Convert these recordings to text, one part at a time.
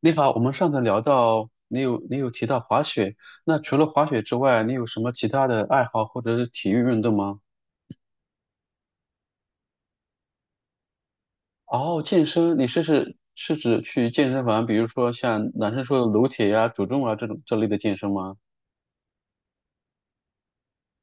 你好，我们上次聊到你提到滑雪，那除了滑雪之外，你有什么其他的爱好或者是体育运动吗？哦，健身，你是指去健身房，比如说像男生说的撸铁呀、主重啊这种这类的健身吗？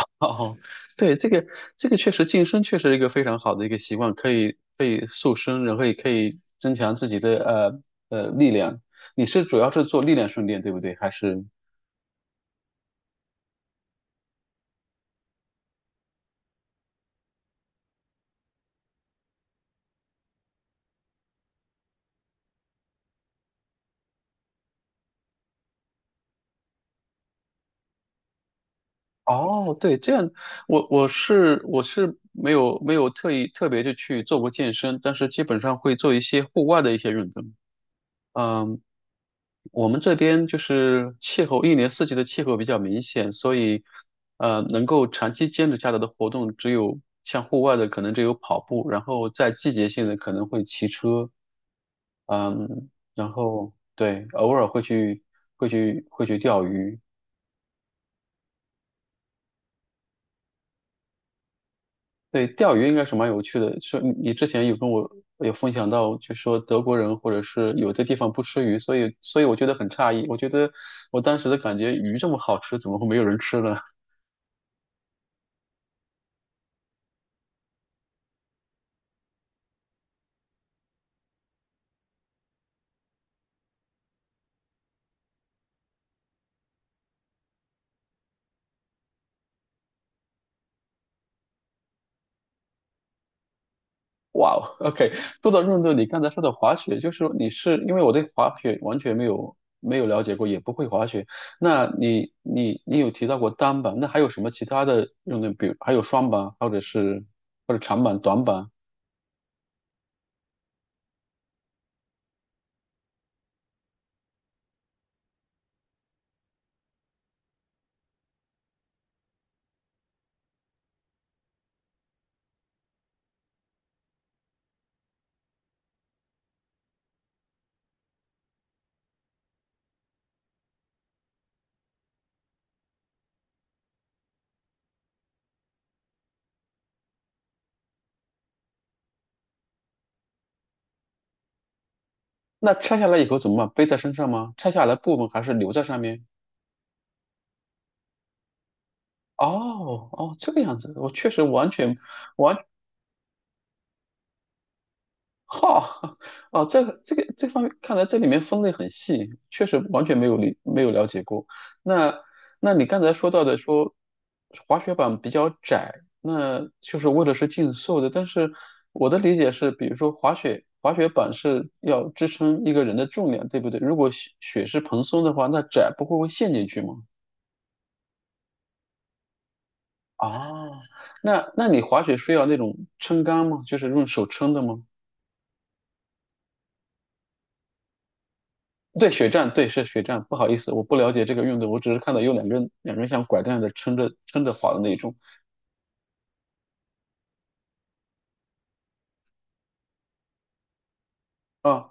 哦，对，这个确实健身确实是一个非常好的一个习惯，可以塑身，然后也可以增强自己的力量。你是主要是做力量训练，对不对？还是？哦，对，这样，我是没有特意特别的去做过健身，但是基本上会做一些户外的一些运动。嗯，我们这边就是气候，一年四季的气候比较明显，所以能够长期坚持下来的活动只有像户外的可能只有跑步，然后在季节性的可能会骑车，嗯，然后对，偶尔会去钓鱼，对，钓鱼应该是蛮有趣的。说你之前有跟我有分享到，就说德国人或者是有的地方不吃鱼，所以我觉得很诧异。我觉得我当时的感觉，鱼这么好吃，怎么会没有人吃呢？哇哦，OK，说到运动，你刚才说的滑雪，就是你是因为我对滑雪完全没有了解过，也不会滑雪。那你有提到过单板，那还有什么其他的运动？比如还有双板，或者是或者长板、短板？那拆下来以后怎么办？背在身上吗？拆下来部分还是留在上面？哦哦，这个样子，我确实完全哈哦，这个这方面，看来这里面分类很细，确实完全没有没有了解过。那那你刚才说到的说滑雪板比较窄，那就是为了是竞速的，但是我的理解是，比如说滑雪板是要支撑一个人的重量，对不对？如果雪是蓬松的话，那窄不会会陷进去吗？哦，那那你滑雪需要那种撑杆吗？就是用手撑的吗？对，雪战，对，是雪战。不好意思，我不了解这个运动，我只是看到有两个人，两个人像拐杖的撑着滑的那种。啊，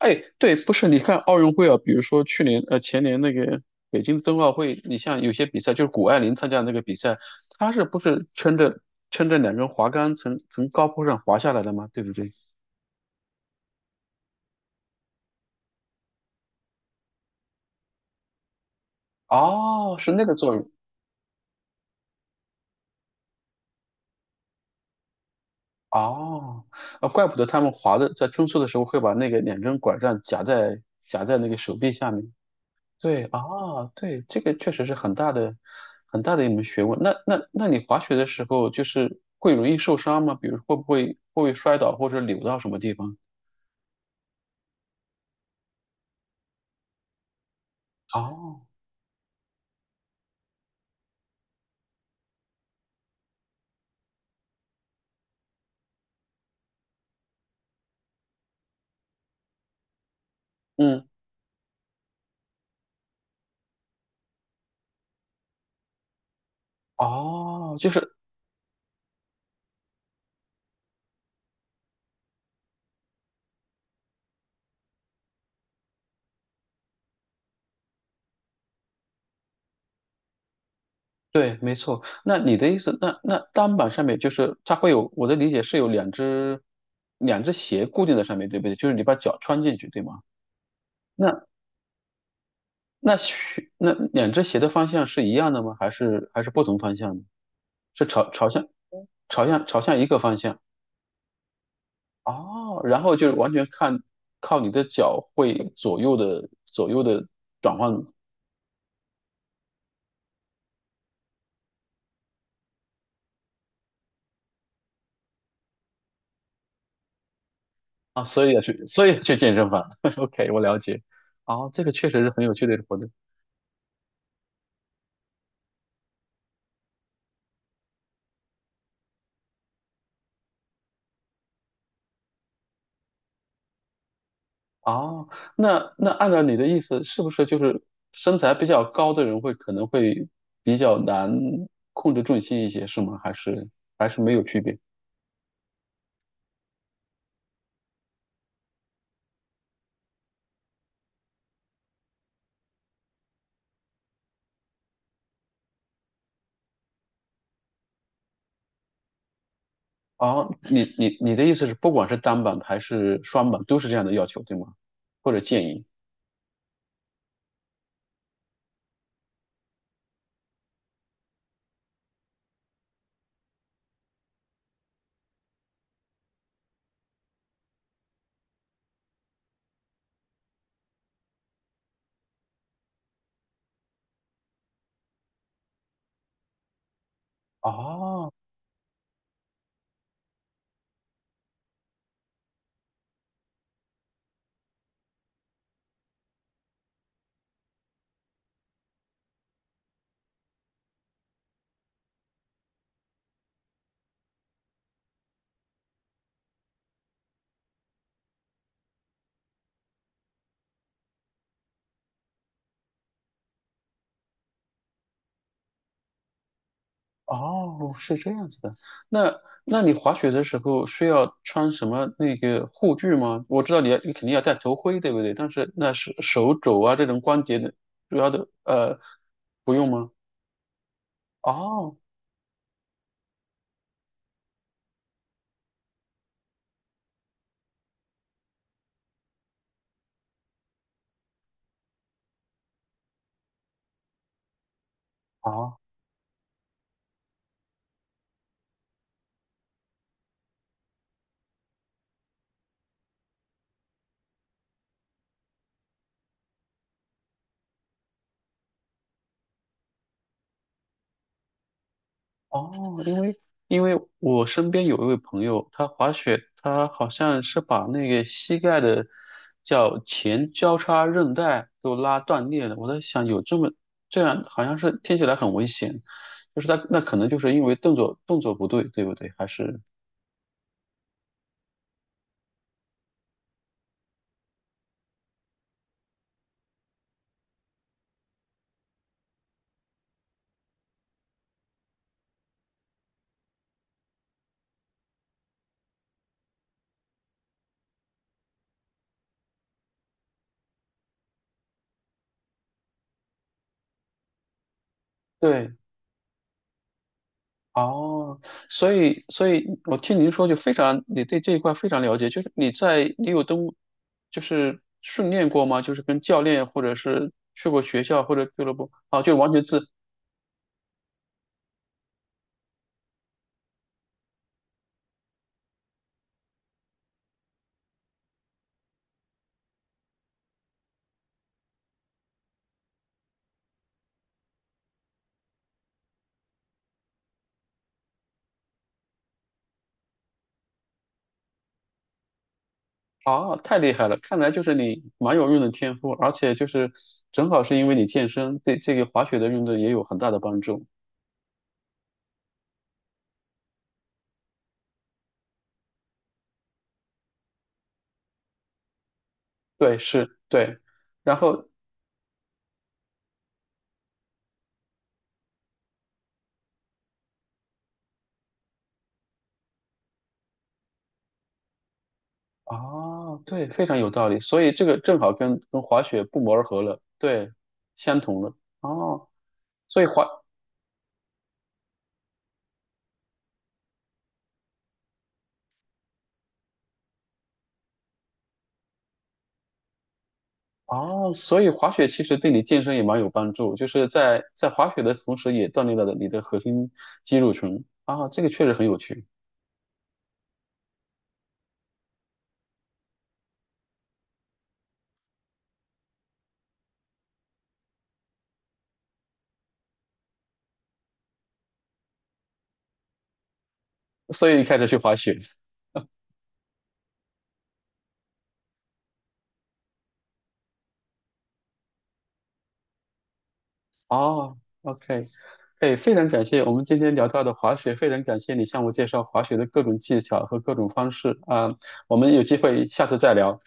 哎，对，不是，你看奥运会啊，比如说前年那个北京冬奥会，你像有些比赛，就是谷爱凌参加的那个比赛，她是不是撑着两根滑杆从高坡上滑下来的吗？对不对？哦，是那个作用。哦，啊，怪不得他们滑的在冲刺的时候会把那个两根拐杖夹在那个手臂下面。对，啊，对，这个确实是很大的一门学问。那你滑雪的时候就是会容易受伤吗？比如会不会摔倒或者扭到什么地方？哦，嗯，哦，就是对，没错。那你的意思，那单板上面就是它会有，我的理解是有两只鞋固定在上面，对不对？就是你把脚穿进去，对吗？那。那靴那两只鞋的方向是一样的吗？还是不同方向的？是朝向一个方向哦，然后就是完全看靠你的脚会左右的转换啊，所以要去健身房。OK，我了解。哦，这个确实是很有趣的一个活动。哦，那那按照你的意思，是不是就是身材比较高的人可能会比较难控制重心一些，是吗？还是没有区别？哦，你的意思是，不管是单板还是双板，都是这样的要求，对吗？或者建议？哦哦，是这样子的。那那你滑雪的时候需要穿什么那个护具吗？我知道你肯定要戴头盔，对不对？但是那是手肘啊这种关节的主要的不用吗？哦哦哦，因为因为我身边有一位朋友，他滑雪，他好像是把那个膝盖的叫前交叉韧带都拉断裂了。我在想，有这么这样，好像是听起来很危险，就是他那可能就是因为动作不对，对不对？还是对哦，所以，所以我听您说就非常，你对这一块非常了解，你有登，就是训练过吗？就是跟教练或者是去过学校或者俱乐部，啊，就完全自，啊，太厉害了，看来就是你蛮有运动天赋，而且就是正好是因为你健身，对这个滑雪的运动也有很大的帮助。对，是，对，然后，啊，对，非常有道理，所以这个正好跟滑雪不谋而合了，对，相同了，哦。所以滑哦，所以滑雪其实对你健身也蛮有帮助，就是在滑雪的同时，也锻炼了你的核心肌肉群啊，这个确实很有趣。所以你开始去滑雪哦，OK，哎，非常感谢我们今天聊到的滑雪，非常感谢你向我介绍滑雪的各种技巧和各种方式啊，我们有机会下次再聊。